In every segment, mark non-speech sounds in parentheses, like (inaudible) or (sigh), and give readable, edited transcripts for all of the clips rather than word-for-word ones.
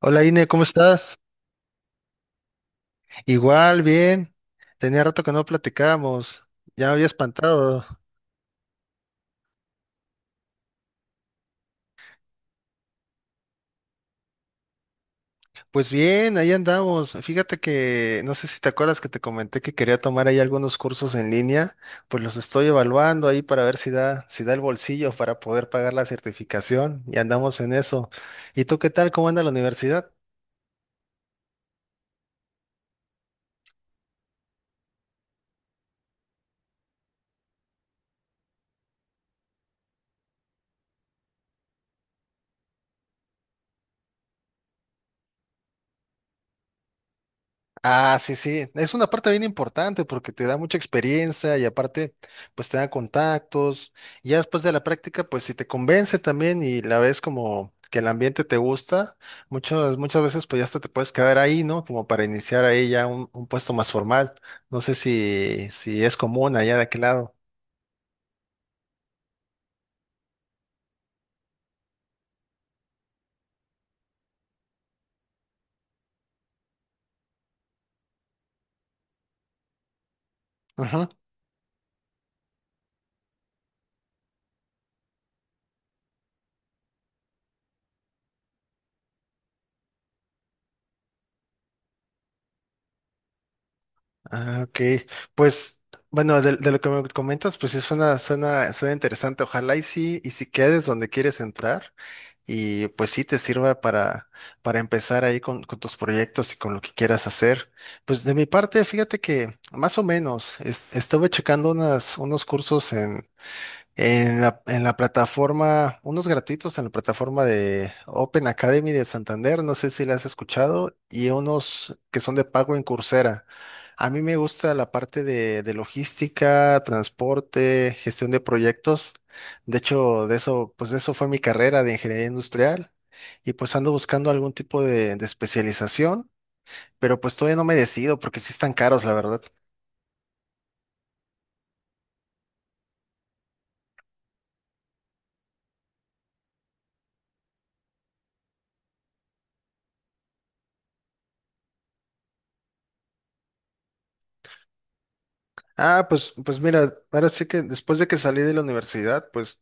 Hola Ine, ¿cómo estás? Igual, bien. Tenía rato que no platicábamos. Ya me había espantado. Pues bien, ahí andamos. Fíjate que no sé si te acuerdas que te comenté que quería tomar ahí algunos cursos en línea. Pues los estoy evaluando ahí para ver si da el bolsillo para poder pagar la certificación. Y andamos en eso. ¿Y tú qué tal? ¿Cómo anda la universidad? Ah, sí, sí. Es una parte bien importante porque te da mucha experiencia y aparte, pues te da contactos. Y ya después de la práctica, pues si te convence también y la ves como que el ambiente te gusta, muchas, muchas veces pues ya hasta te puedes quedar ahí, ¿no? Como para iniciar ahí ya un puesto más formal. No sé si es común allá de aquel lado. Ah, ok. Pues, bueno, de lo que me comentas, pues sí suena interesante. Ojalá y sí, y si quedes donde quieres entrar, y pues sí te sirva para empezar ahí con tus proyectos y con lo que quieras hacer. Pues de mi parte, fíjate que más o menos, estuve checando unos cursos en la plataforma, unos gratuitos en la plataforma de Open Academy de Santander, no sé si la has escuchado, y unos que son de pago en Coursera. A mí me gusta la parte de logística, transporte, gestión de proyectos. De hecho, de eso fue mi carrera de ingeniería industrial, y pues ando buscando algún tipo de especialización, pero pues todavía no me decido porque sí están caros, la verdad. Ah, pues mira, ahora sí que después de que salí de la universidad, pues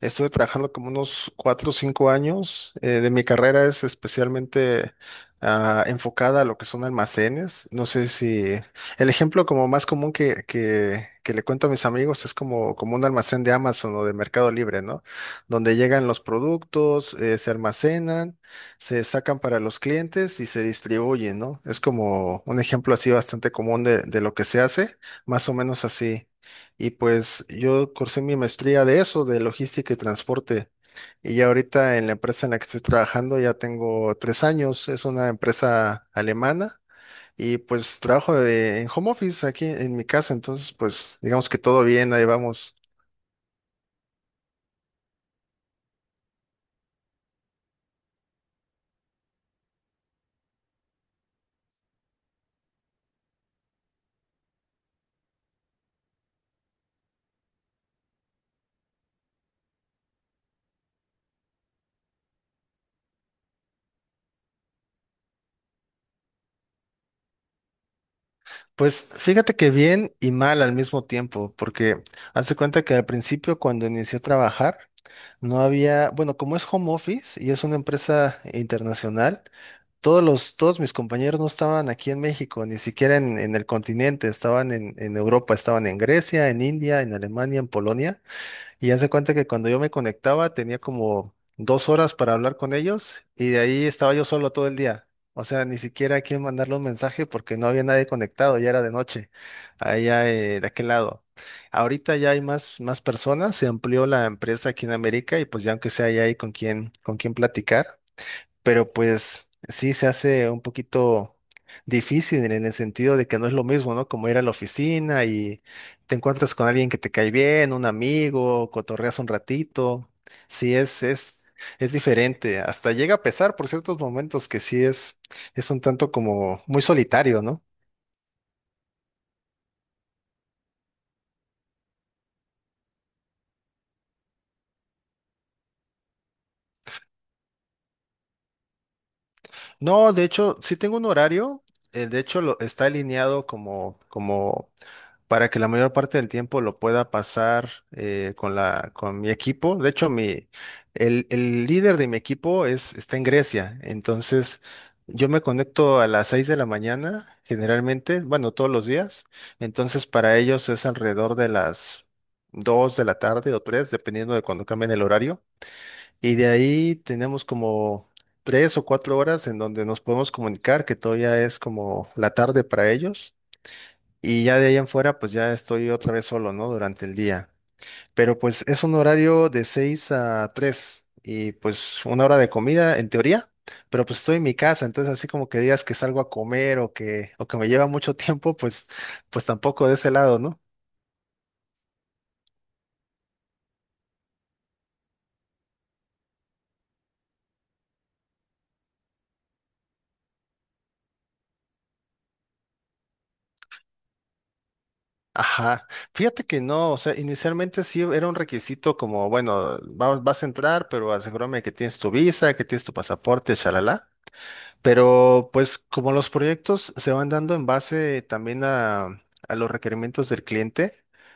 estuve trabajando como unos 4 o 5 años. De mi carrera es especialmente enfocada a lo que son almacenes. No sé si el ejemplo como más común que le cuento a mis amigos es como un almacén de Amazon o de Mercado Libre, ¿no? Donde llegan los productos, se almacenan, se sacan para los clientes y se distribuyen, ¿no? Es como un ejemplo así bastante común de lo que se hace. Más o menos así. Y pues yo cursé mi maestría de eso, de logística y transporte. Y ya ahorita en la empresa en la que estoy trabajando ya tengo 3 años. Es una empresa alemana y pues trabajo en home office aquí en mi casa. Entonces pues digamos que todo bien, ahí vamos. Pues fíjate que bien y mal al mismo tiempo, porque hace cuenta que al principio cuando inicié a trabajar no había, bueno, como es home office y es una empresa internacional, todos mis compañeros no estaban aquí en México, ni siquiera en el continente, estaban en Europa, estaban en Grecia, en India, en Alemania, en Polonia, y hace cuenta que cuando yo me conectaba tenía como 2 horas para hablar con ellos, y de ahí estaba yo solo todo el día. O sea, ni siquiera a quién mandarle un mensaje porque no había nadie conectado, ya era de noche, allá de aquel lado. Ahorita ya hay más personas, se amplió la empresa aquí en América y pues ya aunque sea ya hay con quién platicar, pero pues sí se hace un poquito difícil en el sentido de que no es lo mismo, ¿no? Como ir a la oficina y te encuentras con alguien que te cae bien, un amigo, cotorreas un ratito. Sí, es diferente. Hasta llega a pesar por ciertos momentos que sí es un tanto como muy solitario, ¿no? No, de hecho, sí tengo un horario. De hecho, está alineado como para que la mayor parte del tiempo lo pueda pasar con mi equipo. De hecho, el líder de mi equipo está en Grecia. Entonces, yo me conecto a las 6 de la mañana, generalmente, bueno, todos los días. Entonces, para ellos es alrededor de las 2 de la tarde o 3, dependiendo de cuando cambien el horario. Y de ahí tenemos como 3 o 4 horas en donde nos podemos comunicar, que todavía es como la tarde para ellos, y ya de ahí en fuera, pues ya estoy otra vez solo, ¿no? Durante el día. Pero pues es un horario de 6 a 3 y pues una hora de comida en teoría, pero pues estoy en mi casa, entonces así como que digas que salgo a comer o que, me lleva mucho (laughs) tiempo, pues, pues tampoco de ese lado, ¿no? Ajá, fíjate que no, o sea, inicialmente sí era un requisito como, bueno, vas a entrar, pero asegúrame que tienes tu visa, que tienes tu pasaporte, shalala. Pero pues como los proyectos se van dando en base también a los requerimientos del cliente,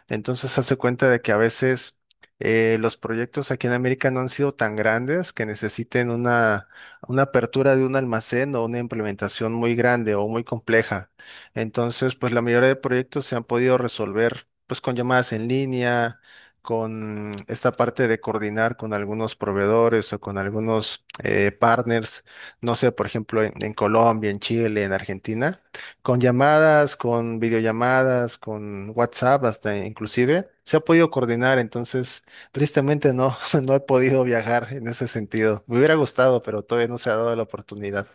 entonces hace cuenta de que a veces los proyectos aquí en América no han sido tan grandes que necesiten una apertura de un almacén o una implementación muy grande o muy compleja. Entonces, pues la mayoría de proyectos se han podido resolver pues con llamadas en línea, con esta parte de coordinar con algunos proveedores o con algunos partners, no sé, por ejemplo, en Colombia, en Chile, en Argentina, con llamadas, con videollamadas, con WhatsApp, hasta inclusive, se ha podido coordinar, entonces, tristemente no, (laughs) no he podido viajar en ese sentido. Me hubiera gustado, pero todavía no se ha dado la oportunidad.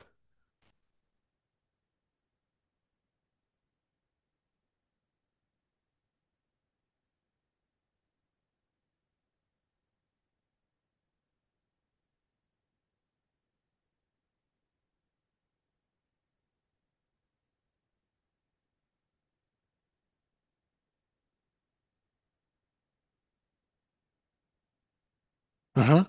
Ujú,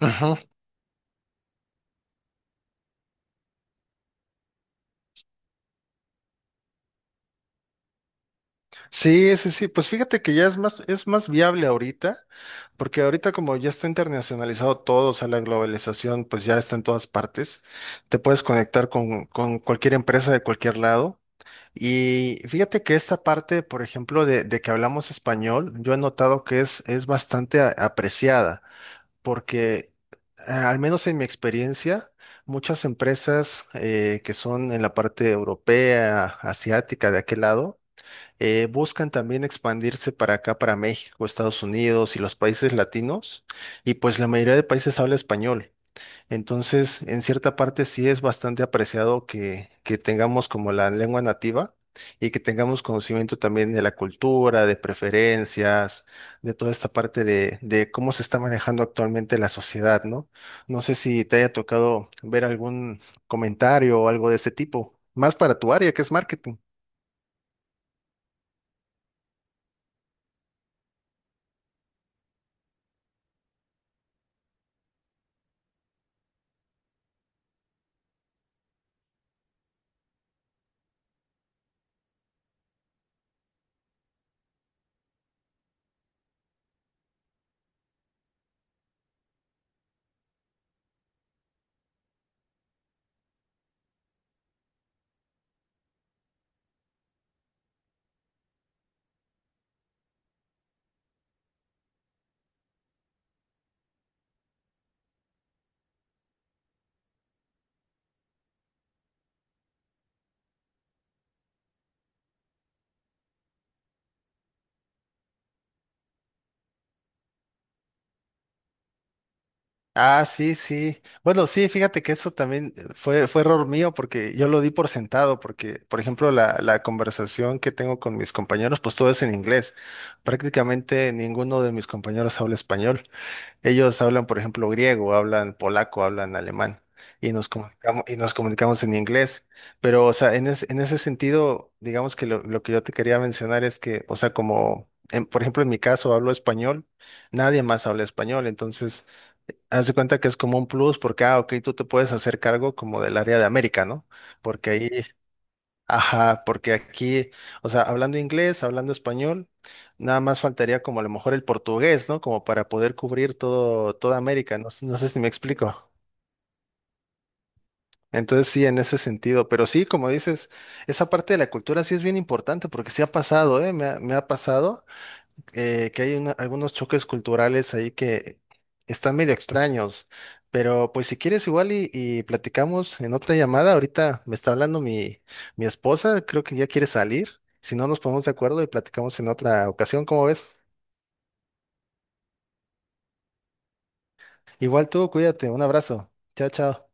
ujú. Sí, sí, sí, pues fíjate que ya es más viable ahorita, porque ahorita como ya está internacionalizado todo, o sea, la globalización pues ya está en todas partes, te puedes conectar con cualquier empresa de cualquier lado. Y fíjate que esta parte, por ejemplo, de que hablamos español, yo he notado que es bastante apreciada, porque al menos en mi experiencia, muchas empresas que son en la parte europea, asiática, de aquel lado, buscan también expandirse para acá, para México, Estados Unidos y los países latinos, y pues la mayoría de países habla español. Entonces, en cierta parte sí es bastante apreciado que tengamos como la lengua nativa y que tengamos conocimiento también de la cultura, de preferencias, de toda esta parte de cómo se está manejando actualmente la sociedad, ¿no? No sé si te haya tocado ver algún comentario o algo de ese tipo, más para tu área que es marketing. Ah, sí, sí. Bueno, sí, fíjate que eso también fue error mío porque yo lo di por sentado, porque, por ejemplo, la conversación que tengo con mis compañeros, pues todo es en inglés. Prácticamente ninguno de mis compañeros habla español. Ellos hablan, por ejemplo, griego, hablan polaco, hablan alemán, y nos comunicamos en inglés. Pero, o sea, en ese sentido, digamos que lo que yo te quería mencionar es que, o sea, como, por ejemplo, en mi caso hablo español, nadie más habla español, entonces. Haz de cuenta que es como un plus porque, ah, ok, tú te puedes hacer cargo como del área de América, ¿no? Porque ahí, ajá, porque aquí, o sea, hablando inglés, hablando español, nada más faltaría como a lo mejor el portugués, ¿no? Como para poder cubrir todo, toda América, no, no sé si me explico. Entonces sí, en ese sentido, pero sí, como dices, esa parte de la cultura sí es bien importante porque sí ha pasado, ¿eh? Me ha pasado que hay algunos choques culturales ahí que están medio extraños, pero pues si quieres igual y platicamos en otra llamada, ahorita me está hablando mi esposa, creo que ya quiere salir, si no nos ponemos de acuerdo y platicamos en otra ocasión, ¿cómo ves? Igual tú, cuídate, un abrazo, chao, chao.